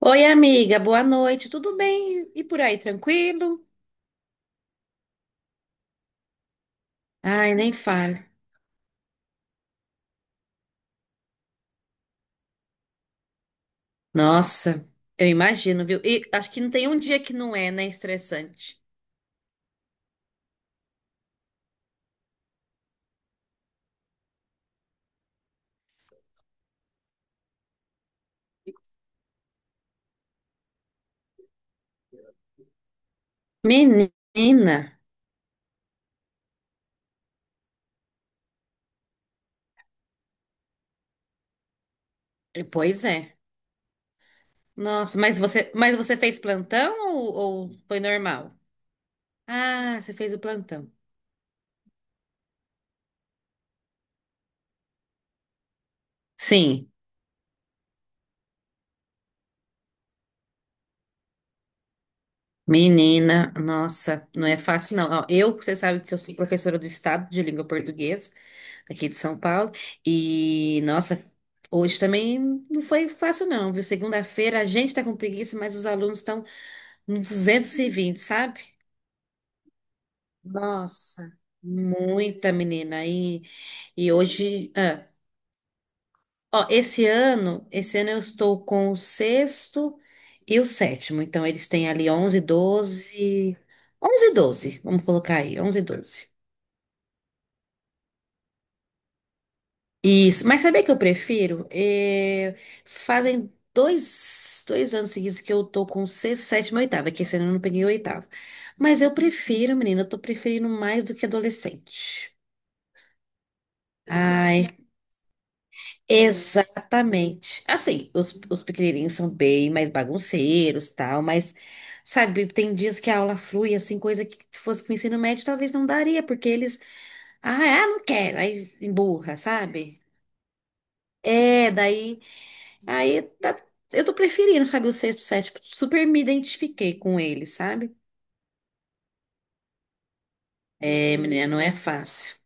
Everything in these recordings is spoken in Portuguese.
Oi, amiga, boa noite. Tudo bem? E por aí, tranquilo? Ai, nem fale. Nossa, eu imagino, viu? E acho que não tem um dia que não é, né, estressante. Menina, pois é. Nossa, mas você fez plantão ou foi normal? Ah, você fez o plantão. Sim, menina, nossa, não é fácil não. Ó, eu, você sabe que eu sou professora do Estado de língua portuguesa aqui de São Paulo. E, nossa, hoje também não foi fácil, não, viu? Segunda-feira a gente tá com preguiça, mas os alunos estão no 220, sabe? Nossa, muita menina. E hoje, ó, esse ano eu estou com o sexto e o sétimo. Então, eles têm ali 11, 12, 11 e 12, vamos colocar aí, 11 e 12. Isso, mas sabe o que eu prefiro? É, fazem dois anos seguidos que eu tô com sexto, sétimo e oitavo, é que esse ano eu não peguei o oitavo. Mas eu prefiro, menina, eu tô preferindo mais do que adolescente. Ai, exatamente. Assim, os pequenininhos são bem mais bagunceiros, tal, mas, sabe, tem dias que a aula flui, assim, coisa que se fosse com o ensino médio talvez não daria, porque eles, ah, não quero, aí emburra, sabe? É, Aí tá, eu tô preferindo, sabe, o sexto, sétimo. Super me identifiquei com ele, sabe? É, menina, não é fácil.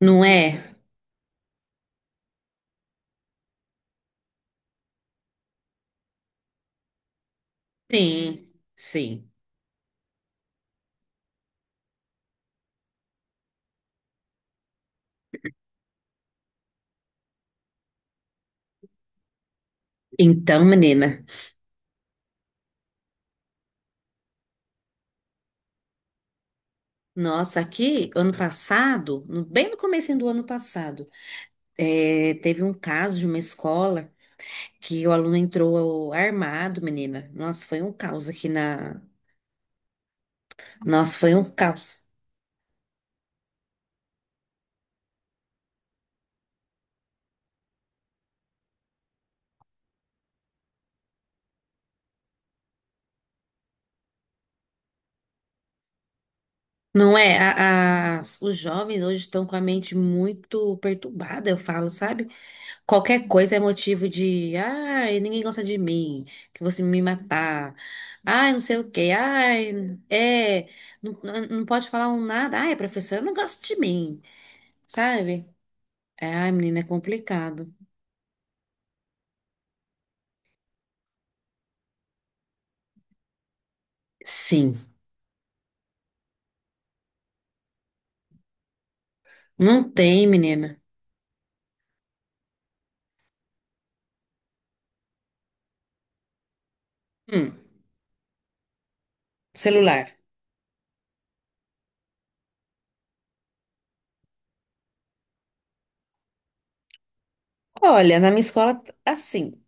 Não é? Sim, sim. Então, menina, nossa, aqui, ano passado, bem no comecinho do ano passado, teve um caso de uma escola que o aluno entrou armado, menina. Nossa, foi um caos aqui na... Nossa, foi um caos. Não é? Os jovens hoje estão com a mente muito perturbada, eu falo, sabe? Qualquer coisa é motivo de, ai, ninguém gosta de mim, que você me matar, ai, não sei o quê, não pode falar um nada, ai, professora, não gosta de mim, sabe? Ai, menina, é complicado. Sim, não tem, menina. Hum, celular. Olha, na minha escola, assim,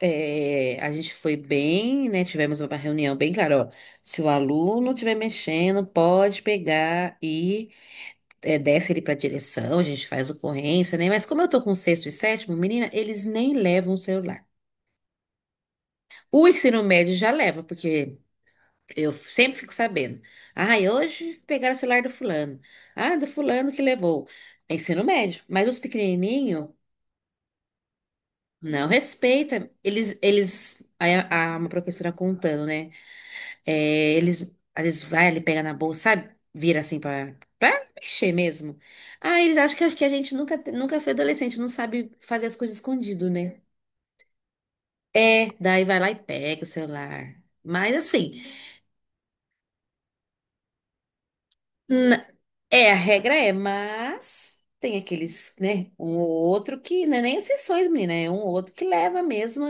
a gente foi bem, né? Tivemos uma reunião bem clara, ó. Se o aluno estiver mexendo, pode pegar, desce ele para direção, a gente faz ocorrência, né? Mas como eu tô com sexto e sétimo, menina, eles nem levam o celular. O ensino médio já leva, porque eu sempre fico sabendo. Ai, hoje pegaram o celular do fulano. Ah, do fulano que levou. É ensino médio. Mas os pequenininhos não respeita. Eles, aí uma professora contando, né? É, eles, às vezes, vai ali pegar na bolsa, sabe? Vira assim pra mexer mesmo. Ah, eles acham que a gente nunca foi adolescente, não sabe fazer as coisas escondido, né? É, daí vai lá e pega o celular. Mas assim, n- é, a regra é, mas tem aqueles, né? Um ou outro que, não é nem exceções, menina, é um ou outro que leva mesmo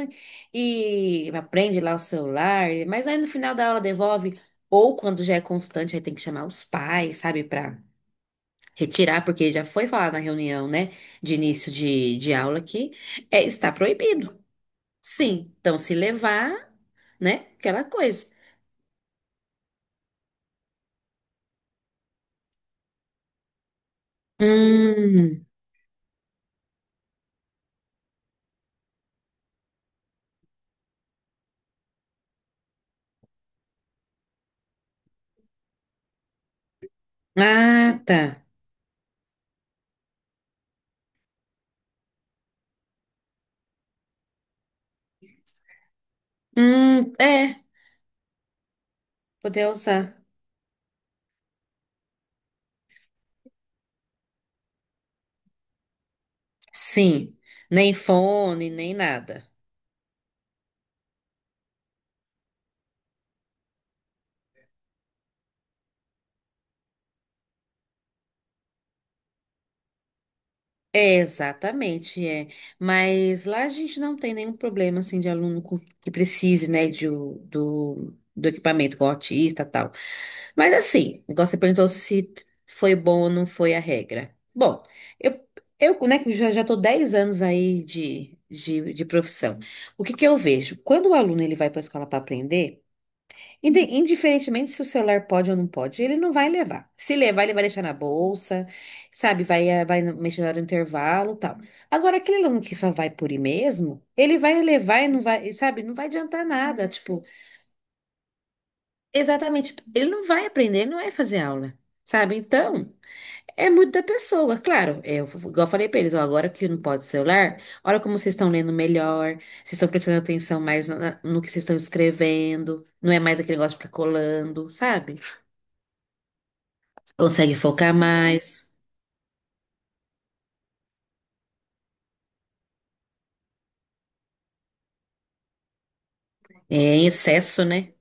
e aprende lá o celular, mas aí no final da aula devolve, ou quando já é constante, aí tem que chamar os pais, sabe, pra retirar, porque já foi falado na reunião, né, de início de aula que está proibido. Sim, então se levar, né, aquela coisa. Hum, ah, tá. É, poder usar. Sim, nem fone, nem nada. É, exatamente, é. Mas lá a gente não tem nenhum problema assim de que precise, né, do equipamento com autista, e tal. Mas assim, igual você perguntou se foi bom ou não foi a regra. Bom, eu, eu né, que já tô 10 anos aí de, de profissão. O que que eu vejo? Quando o aluno ele vai para a escola para aprender, indiferentemente se o celular pode ou não pode, ele não vai levar. Se levar, ele vai deixar na bolsa, sabe? Vai, mexer na hora do intervalo, tal. Agora, aquele aluno que só vai por ir mesmo, ele vai levar e não vai, sabe? Não vai adiantar nada. Tipo, exatamente. Ele não vai aprender, ele não vai fazer aula, sabe? Então, é muito da pessoa. Claro, é, eu, igual eu falei pra eles, ó, agora que não pode celular, olha como vocês estão lendo melhor, vocês estão prestando atenção mais no que vocês estão escrevendo, não é mais aquele negócio de ficar colando, sabe? Consegue focar mais. É em excesso, né?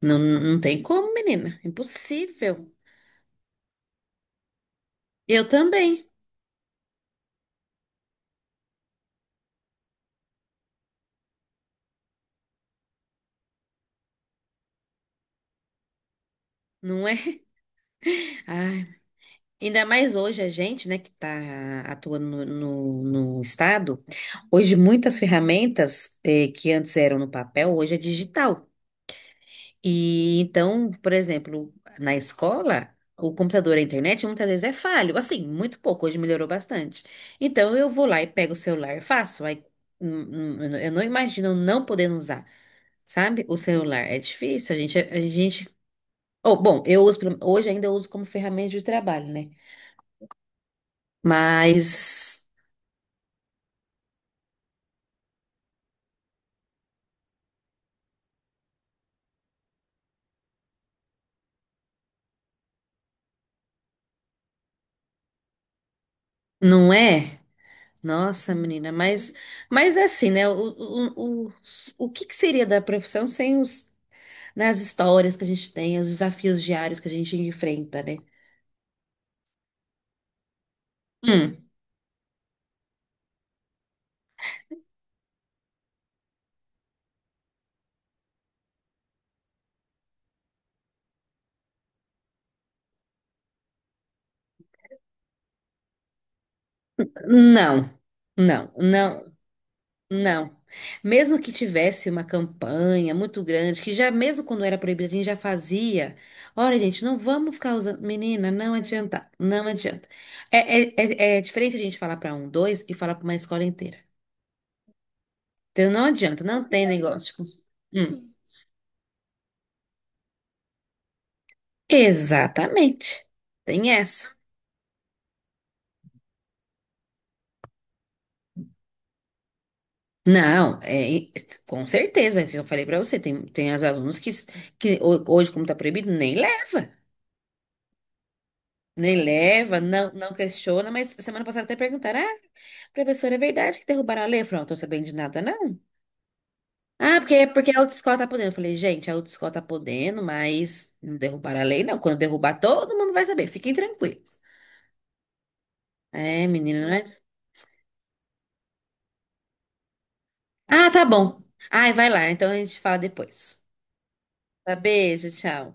Não, não tem como, menina. Impossível. Eu também, não é? Ai, ainda mais hoje a gente, né, que está atuando no estado, hoje muitas ferramentas que antes eram no papel, hoje é digital. E então, por exemplo, na escola, o computador, a internet muitas vezes é falho. Assim, muito pouco, hoje melhorou bastante. Então eu vou lá e pego o celular e faço. Aí, eu não imagino não podendo usar, sabe? O celular é difícil, a gente... Oh, bom, eu uso, hoje ainda eu uso como ferramenta de trabalho, né? Mas não é? Nossa, menina, mas é assim, né? O, o, o que que seria da profissão sem os, nas histórias que a gente tem, os desafios diários que a gente enfrenta, né? Hum, hum. Não, não, não, não. Mesmo que tivesse uma campanha muito grande, que já mesmo quando era proibido, a gente já fazia. Olha, gente, não vamos ficar usando. Menina, não adianta, não adianta. É diferente a gente falar para um, dois e falar para uma escola inteira. Então não adianta, não tem negócio. Hum, Exatamente. Tem essa. Não, é, com certeza, é o que eu falei pra você, tem as alunos que, hoje, como tá proibido, nem leva, nem leva, não, não questiona, mas semana passada até perguntaram, ah, professora, é verdade que derrubaram a lei? Eu falei, não tô sabendo de nada, não. Ah, porque a autoescola tá podendo. Eu falei, gente, a autoescola tá podendo, mas não derrubaram a lei, não. Quando derrubar, todo mundo vai saber, fiquem tranquilos. É, menina, não é? Ah, tá bom. Ai, vai lá, então a gente fala depois. Tá, beijo, tchau.